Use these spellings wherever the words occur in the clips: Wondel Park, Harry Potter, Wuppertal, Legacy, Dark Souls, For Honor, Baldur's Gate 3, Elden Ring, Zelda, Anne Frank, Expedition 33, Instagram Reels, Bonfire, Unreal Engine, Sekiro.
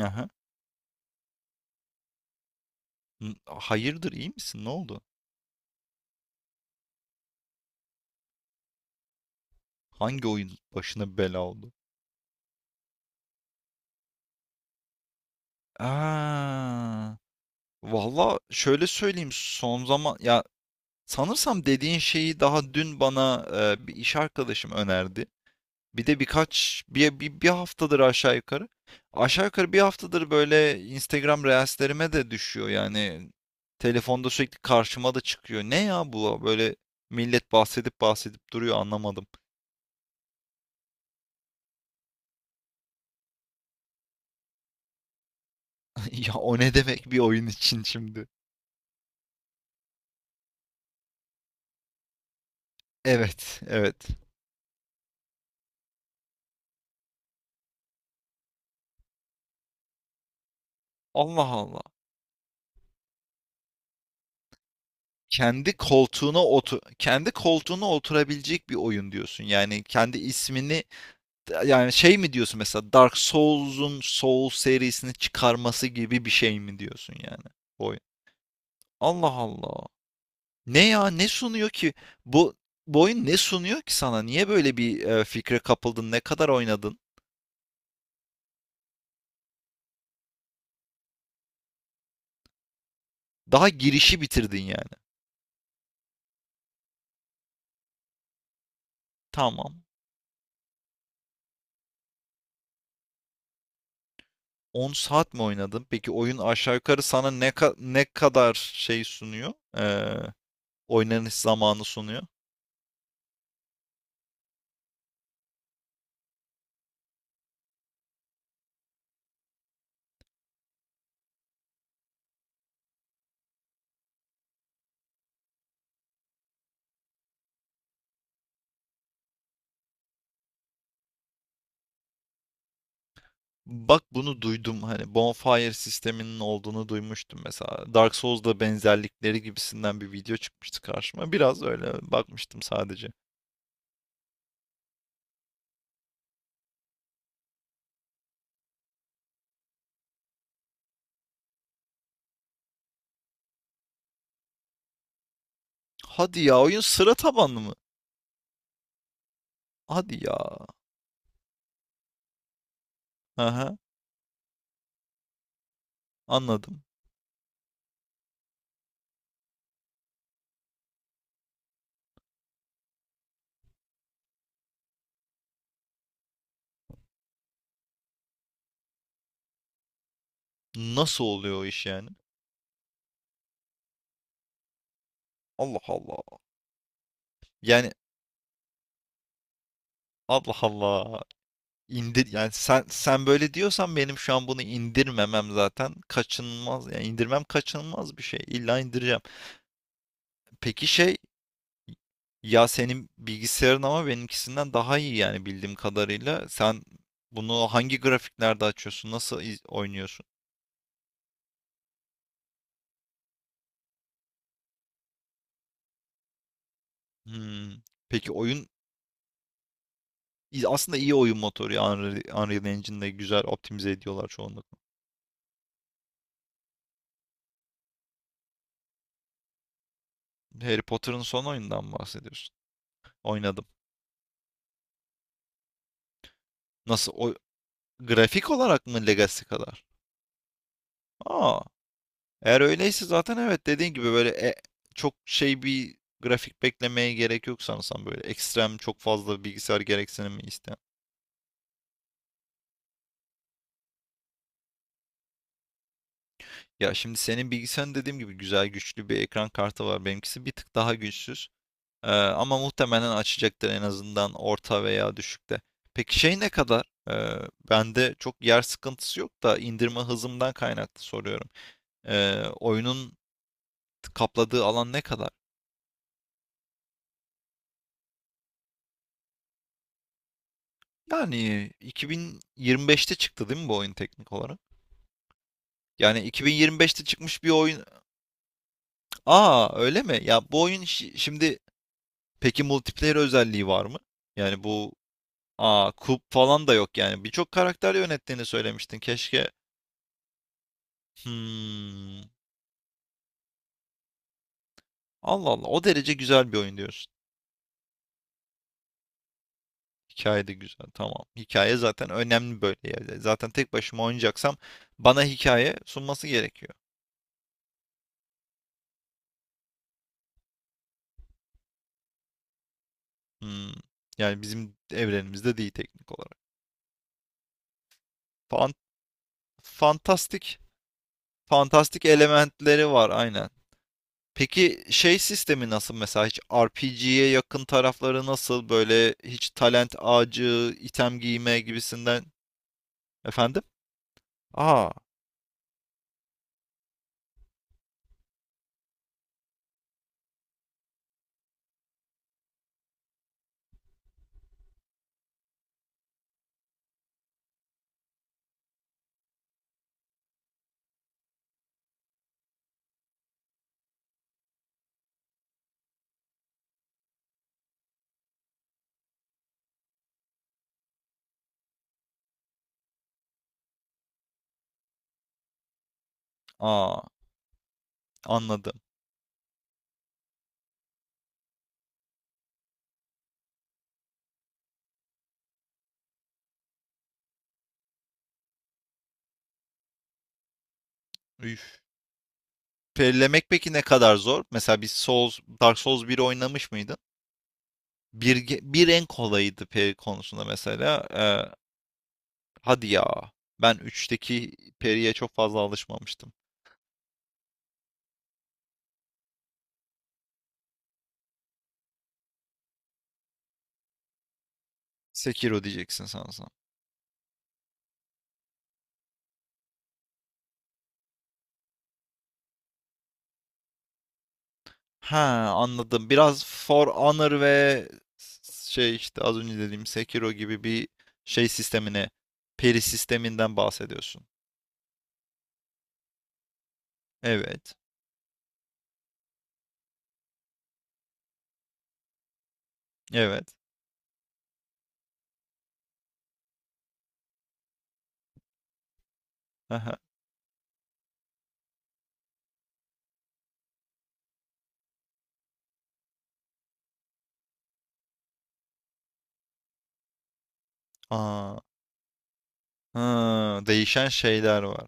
Aha. Hayırdır, iyi misin? Ne oldu? Hangi oyun başına bela oldu? Aa, valla şöyle söyleyeyim son zaman ya sanırsam dediğin şeyi daha dün bana bir iş arkadaşım önerdi. Bir de birkaç bir haftadır aşağı yukarı. Aşağı yukarı bir haftadır böyle Instagram Reels'lerime de düşüyor yani. Telefonda sürekli karşıma da çıkıyor. Ne ya bu böyle millet bahsedip bahsedip duruyor anlamadım. Ya o ne demek bir oyun için şimdi? Evet, evet. Allah Allah. Kendi koltuğuna oturabilecek bir oyun diyorsun. Yani kendi ismini Yani şey mi diyorsun mesela Dark Souls'un Soul serisini çıkarması gibi bir şey mi diyorsun yani bu oyun? Allah Allah. Ne ya ne sunuyor ki? Bu, Bu oyun ne sunuyor ki sana? Niye böyle bir fikre kapıldın? Ne kadar oynadın? Daha girişi bitirdin yani. Tamam. 10 saat mi oynadın? Peki oyun aşağı yukarı sana ne kadar şey sunuyor? Ee, oynanış zamanı sunuyor. Bak bunu duydum hani Bonfire sisteminin olduğunu duymuştum mesela. Dark Souls'da benzerlikleri gibisinden bir video çıkmıştı karşıma. Biraz öyle bakmıştım sadece. Hadi ya, oyun sıra tabanlı mı? Hadi ya. Aha, anladım. Nasıl oluyor o iş yani? Allah Allah. Yani Allah Allah. İndir yani, sen böyle diyorsan benim şu an bunu indirmemem zaten kaçınılmaz. Yani indirmem kaçınılmaz bir şey. İlla indireceğim. Peki şey, ya senin bilgisayarın ama benimkisinden daha iyi yani bildiğim kadarıyla. Sen bunu hangi grafiklerde açıyorsun? Oynuyorsun? Hmm. Peki oyun aslında iyi oyun motoru ya. Unreal Engine'de güzel optimize ediyorlar çoğunlukla. Harry Potter'ın son oyundan mı bahsediyorsun? Oynadım. Nasıl? O, grafik olarak mı Legacy kadar? Aa. Eğer öyleyse zaten evet dediğin gibi böyle çok şey bir grafik beklemeye gerek yok sanırsam, böyle ekstrem çok fazla bilgisayar gereksinimi isteyen. Ya şimdi senin bilgisayarın dediğim gibi güzel güçlü bir ekran kartı var. Benimkisi bir tık daha güçsüz. Ama muhtemelen açacaktır en azından orta veya düşükte. Peki şey ne kadar? Bende çok yer sıkıntısı yok da indirme hızımdan kaynaklı soruyorum. Oyunun kapladığı alan ne kadar? Yani 2025'te çıktı değil mi bu oyun teknik olarak? Yani 2025'te çıkmış bir oyun. Aa öyle mi? Ya bu oyun şimdi peki multiplayer özelliği var mı? Yani bu, aa, kup falan da yok yani. Birçok karakter yönettiğini söylemiştin. Keşke. Hmm. Allah Allah. O derece güzel bir oyun diyorsun. Hikaye de güzel. Tamam. Hikaye zaten önemli böyle yerde. Zaten tek başıma oynayacaksam bana hikaye sunması gerekiyor. Hmm. Yani bizim evrenimizde değil teknik olarak. Fan- fantastik. Fantastik elementleri var aynen. Peki şey sistemi nasıl mesela, hiç RPG'ye yakın tarafları nasıl, böyle hiç talent ağacı, item giyme gibisinden efendim? Aa, aa, anladım. Üf. Perilemek peki ne kadar zor? Mesela bir Souls, Dark Souls biri oynamış mıydın? Bir en kolayıydı peri konusunda mesela. Hadi ya. Ben üçteki periye çok fazla alışmamıştım. Sekiro diyeceksin sanırsam. Ha, anladım. Biraz For Honor ve az önce dediğim Sekiro gibi bir şey sistemine, peri sisteminden bahsediyorsun. Evet. Evet. Aha. Aa, ha, değişen şeyler var.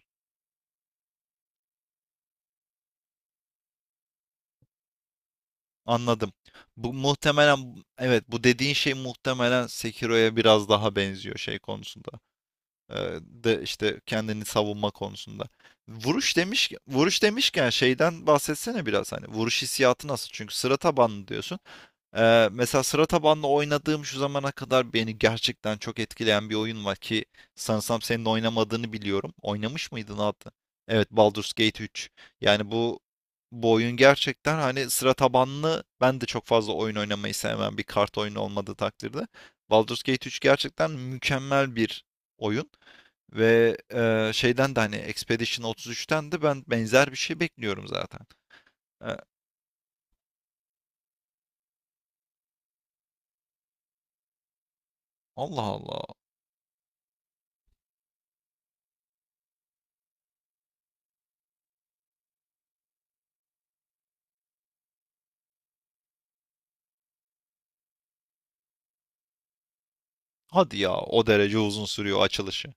Anladım. Bu muhtemelen, evet, bu dediğin şey muhtemelen Sekiro'ya biraz daha benziyor şey konusunda. De işte kendini savunma konusunda. Vuruş demişken şeyden bahsetsene biraz, hani vuruş hissiyatı nasıl? Çünkü sıra tabanlı diyorsun. Mesela sıra tabanlı oynadığım şu zamana kadar beni gerçekten çok etkileyen bir oyun var ki sanırsam senin oynamadığını biliyorum. Oynamış mıydın hatta? Evet, Baldur's Gate 3. Yani bu oyun gerçekten, hani sıra tabanlı, ben de çok fazla oyun oynamayı sevmem bir kart oyunu olmadığı takdirde. Baldur's Gate 3 gerçekten mükemmel bir oyun ve şeyden de hani Expedition 33'ten de ben benzer bir şey bekliyorum zaten. E, Allah Allah. Hadi ya, o derece uzun sürüyor açılışı.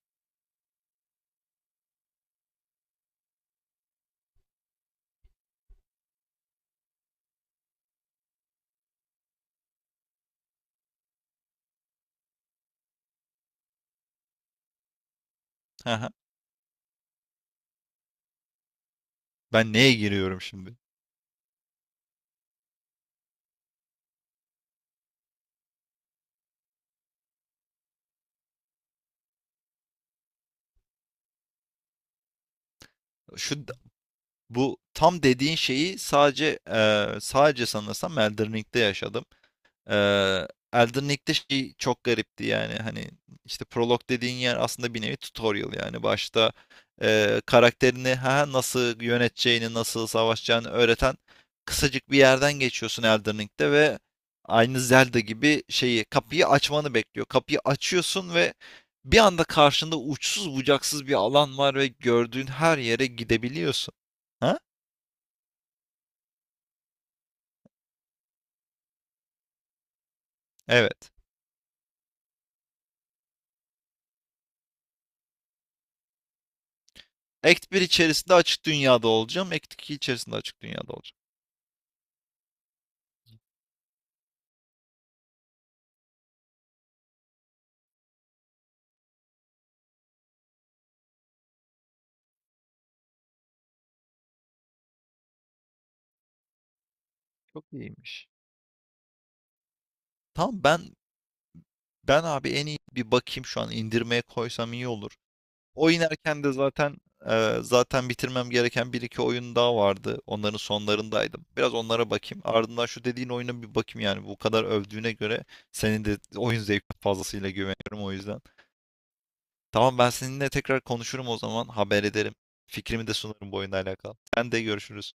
Hı hı. Ben neye giriyorum şimdi? Şu bu tam dediğin şeyi sadece sadece sanırsam Elden Ring'de yaşadım. Elden Ring'de şey çok garipti yani, hani işte prolog dediğin yer aslında bir nevi tutorial, yani başta karakterini ha nasıl yöneteceğini, nasıl savaşacağını öğreten kısacık bir yerden geçiyorsun Elden Ring'de ve aynı Zelda gibi şeyi, kapıyı açmanı bekliyor. Kapıyı açıyorsun ve bir anda karşında uçsuz bucaksız bir alan var ve gördüğün her yere gidebiliyorsun. Ha? Evet. Act 1 içerisinde açık dünyada olacağım. Act 2 içerisinde açık dünyada olacağım. Çok iyiymiş. Tamam, ben abi en iyi bir bakayım, şu an indirmeye koysam iyi olur. Oynarken de zaten zaten bitirmem gereken bir iki oyun daha vardı. Onların sonlarındaydım. Biraz onlara bakayım. Ardından şu dediğin oyuna bir bakayım yani. Bu kadar övdüğüne göre senin de oyun zevkine fazlasıyla güveniyorum o yüzden. Tamam, ben seninle tekrar konuşurum o zaman. Haber ederim. Fikrimi de sunarım bu oyunla alakalı. Sen de görüşürüz.